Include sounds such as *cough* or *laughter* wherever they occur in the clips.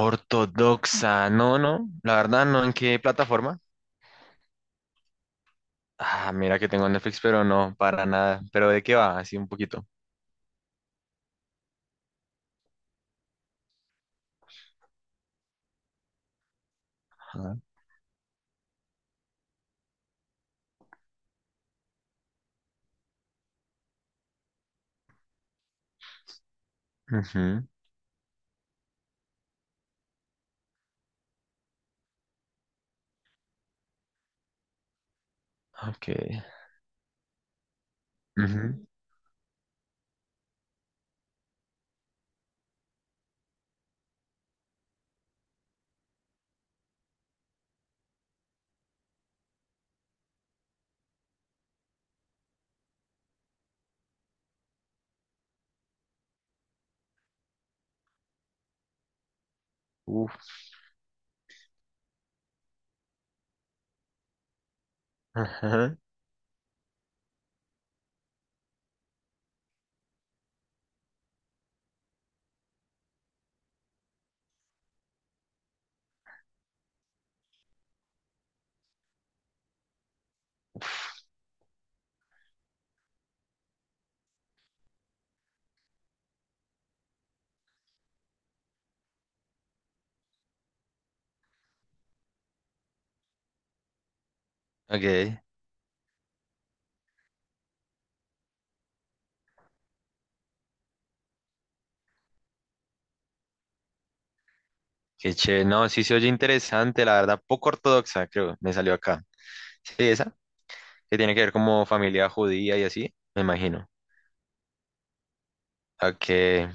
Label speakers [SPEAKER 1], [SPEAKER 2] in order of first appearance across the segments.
[SPEAKER 1] Ortodoxa, no, no, la verdad no, ¿en qué plataforma? Ah, mira que tengo Netflix, pero no, para nada. ¿Pero de qué va? Así un poquito. Ajá. Ujú. Ok. Ujú. Uf. Ajá. Ok. Qué chévere, no, sí se oye interesante, la verdad, poco ortodoxa, creo, me salió acá. Sí, esa, que tiene que ver como familia judía y así, me imagino. Que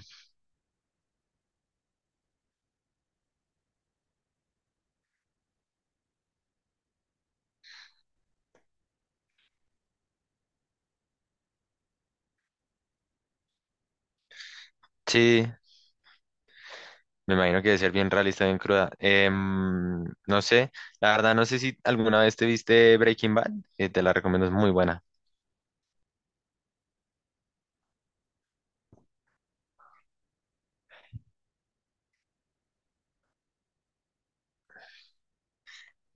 [SPEAKER 1] sí, me imagino que debe ser bien realista, bien cruda. No sé, la verdad, no sé si alguna vez te viste Breaking Bad, que te la recomiendo, es muy buena.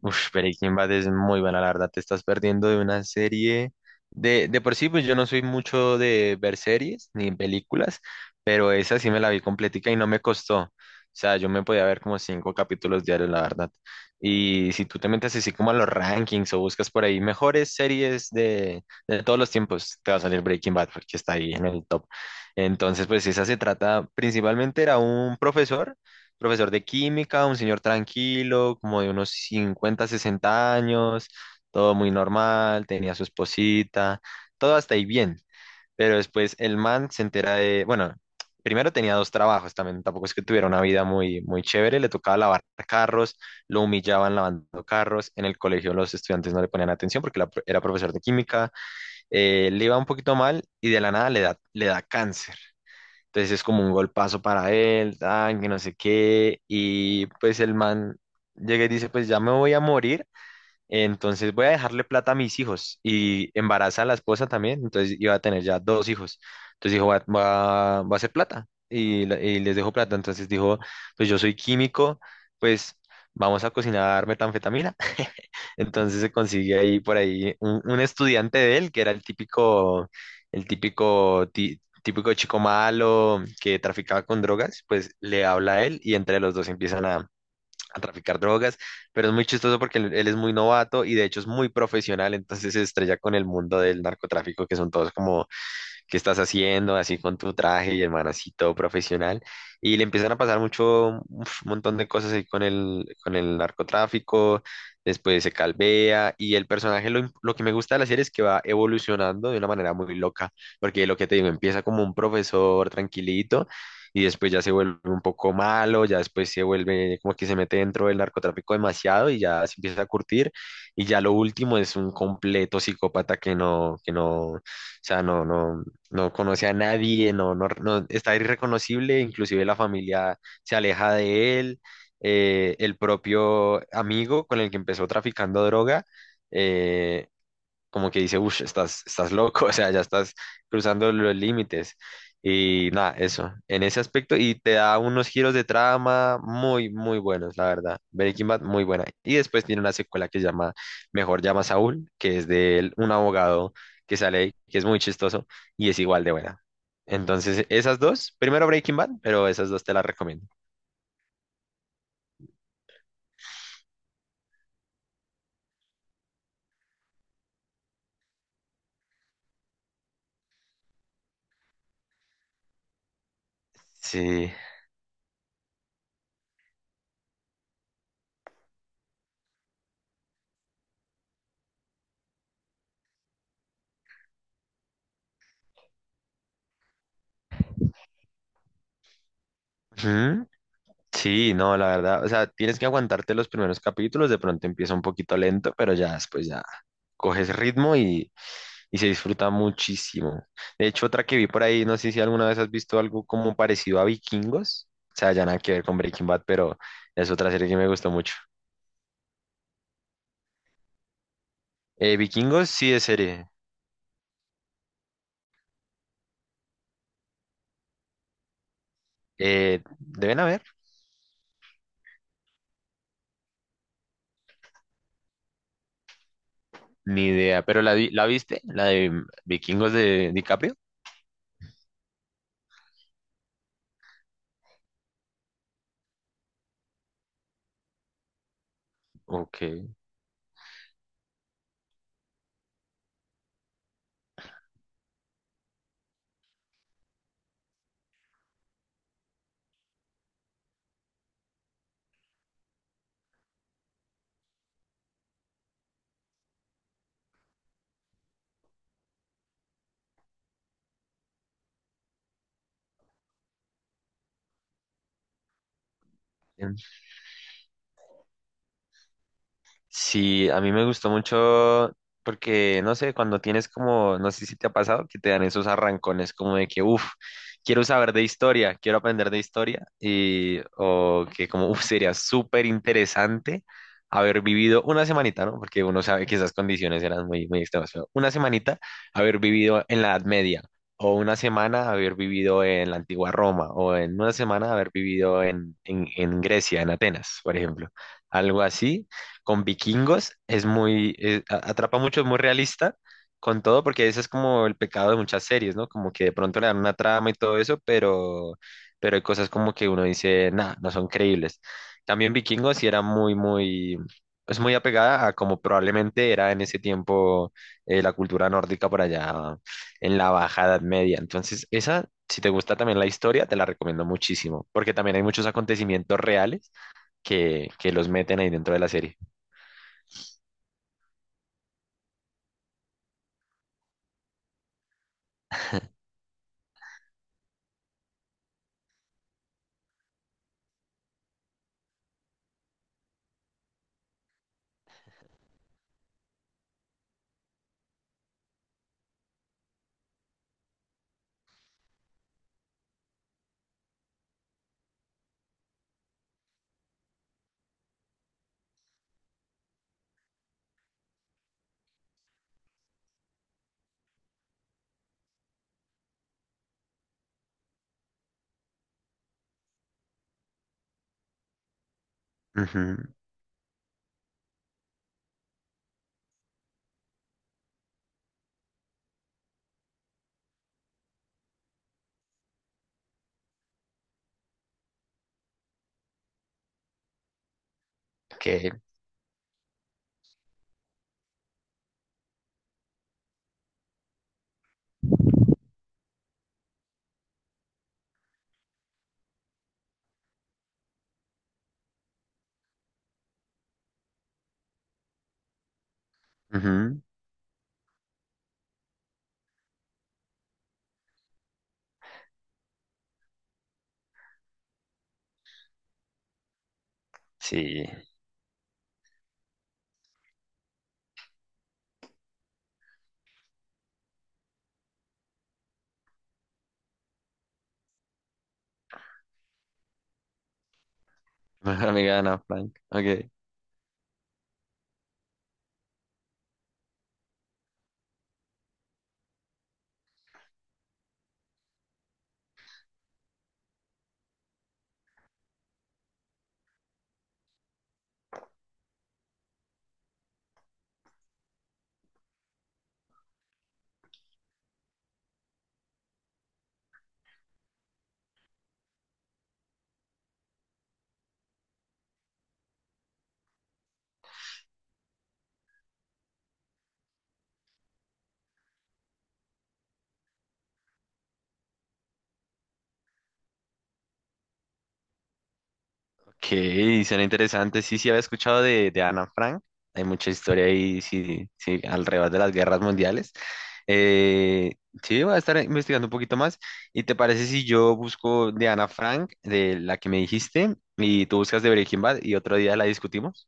[SPEAKER 1] Uf, Breaking Bad es muy buena, la verdad. Te estás perdiendo de una serie. De por sí, pues yo no soy mucho de ver series ni películas, pero esa sí me la vi completica y no me costó. O sea, yo me podía ver como cinco capítulos diarios, la verdad. Y si tú te metes así como a los rankings o buscas por ahí mejores series de todos los tiempos, te va a salir Breaking Bad porque está ahí en el top. Entonces, pues esa se trata, principalmente era un profesor de química, un señor tranquilo, como de unos 50, 60 años, todo muy normal, tenía su esposita, todo hasta ahí bien. Pero después el man se entera de, bueno, primero tenía dos trabajos también, tampoco es que tuviera una vida muy, muy chévere, le tocaba lavar carros, lo humillaban lavando carros, en el colegio los estudiantes no le ponían atención porque era profesor de química, le iba un poquito mal y de la nada le da cáncer. Entonces es como un golpazo para él, tan, que no sé qué. Y pues el man llega y dice, pues ya me voy a morir, entonces voy a dejarle plata a mis hijos y embaraza a la esposa también, entonces iba a tener ya dos hijos. Entonces dijo, va, va, va a hacer plata y, y les dejo plata. Entonces dijo, pues yo soy químico, pues vamos a cocinar metanfetamina. *laughs* Entonces se consigue ahí por ahí un estudiante de él, que era el típico, el típico, típico chico malo que traficaba con drogas, pues le habla a él y entre los dos empiezan a traficar drogas, pero es muy chistoso porque él es muy novato y de hecho es muy profesional, entonces se estrella con el mundo del narcotráfico, que son todos como qué estás haciendo, así con tu traje y el man así todo profesional. Y le empiezan a pasar mucho, uf, un montón de cosas ahí con el narcotráfico, después se calvea y el personaje, lo que me gusta de la serie es que va evolucionando de una manera muy loca, porque lo que te digo, empieza como un profesor tranquilito y después ya se vuelve un poco malo, ya después se vuelve como que se mete dentro del narcotráfico demasiado y ya se empieza a curtir y ya lo último es un completo psicópata que no, o sea, no conoce a nadie, no, está irreconocible, inclusive la familia se aleja de él, el propio amigo con el que empezó traficando droga, eh, como que dice, uff, estás loco, *laughs* o sea, ya estás cruzando los límites. Y nada, eso, en ese aspecto, y te da unos giros de trama muy, muy buenos, la verdad. Breaking Bad, muy buena. Y después tiene una secuela que se llama Mejor llama a Saúl, que es de él, un abogado que sale, ahí, que es muy chistoso y es igual de buena. Entonces, esas dos, primero Breaking Bad, pero esas dos te las recomiendo. Sí. Ujú. Sí, no, la verdad, o sea, tienes que aguantarte los primeros capítulos, de pronto empieza un poquito lento, pero ya después ya coges ritmo y se disfruta muchísimo. De hecho, otra que vi por ahí, no sé si alguna vez has visto algo como parecido a Vikingos, o sea, ya nada que ver con Breaking Bad, pero es otra serie que me gustó mucho. Vikingos sí es serie, deben haber, ni idea, pero ¿la viste? ¿La de Vikingos de DiCaprio? Ok. Sí, a mí me gustó mucho porque, no sé, cuando tienes como, no sé si te ha pasado, que te dan esos arrancones como de que, uff, quiero saber de historia, quiero aprender de historia, y, o que como, uff, sería súper interesante haber vivido una semanita, ¿no? Porque uno sabe que esas condiciones eran muy, muy extremas, pero una semanita haber vivido en la Edad Media, o una semana haber vivido en la antigua Roma, o en una semana haber vivido en Grecia, en Atenas, por ejemplo algo así, con vikingos es muy, atrapa mucho, es muy realista con todo, porque ese es como el pecado de muchas series, ¿no? Como que de pronto le dan una trama y todo eso, pero hay cosas como que uno dice, nah, no son creíbles. También vikingos sí era muy, muy, es muy apegada a como probablemente era en ese tiempo la cultura nórdica por allá en la Baja Edad Media. Entonces, esa, si te gusta también la historia, te la recomiendo muchísimo, porque también hay muchos acontecimientos reales que los meten ahí dentro de la serie. Ujú. Ok, ujú. Sí. *laughs* Mejor amiga de Ana Frank. Ok. Ok, suena interesante. Sí, sí, había escuchado de Ana Frank. Hay mucha historia ahí, sí, sí, alrededor de las guerras mundiales. Eh, sí, voy a estar investigando un poquito más. ¿Y te parece si yo busco de Ana Frank, de la que me dijiste, y tú buscas de Breaking Bad y otro día la discutimos?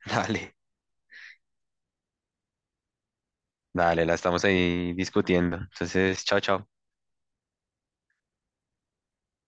[SPEAKER 1] *laughs* Dale, dale, la estamos ahí discutiendo. Entonces, chao, chao.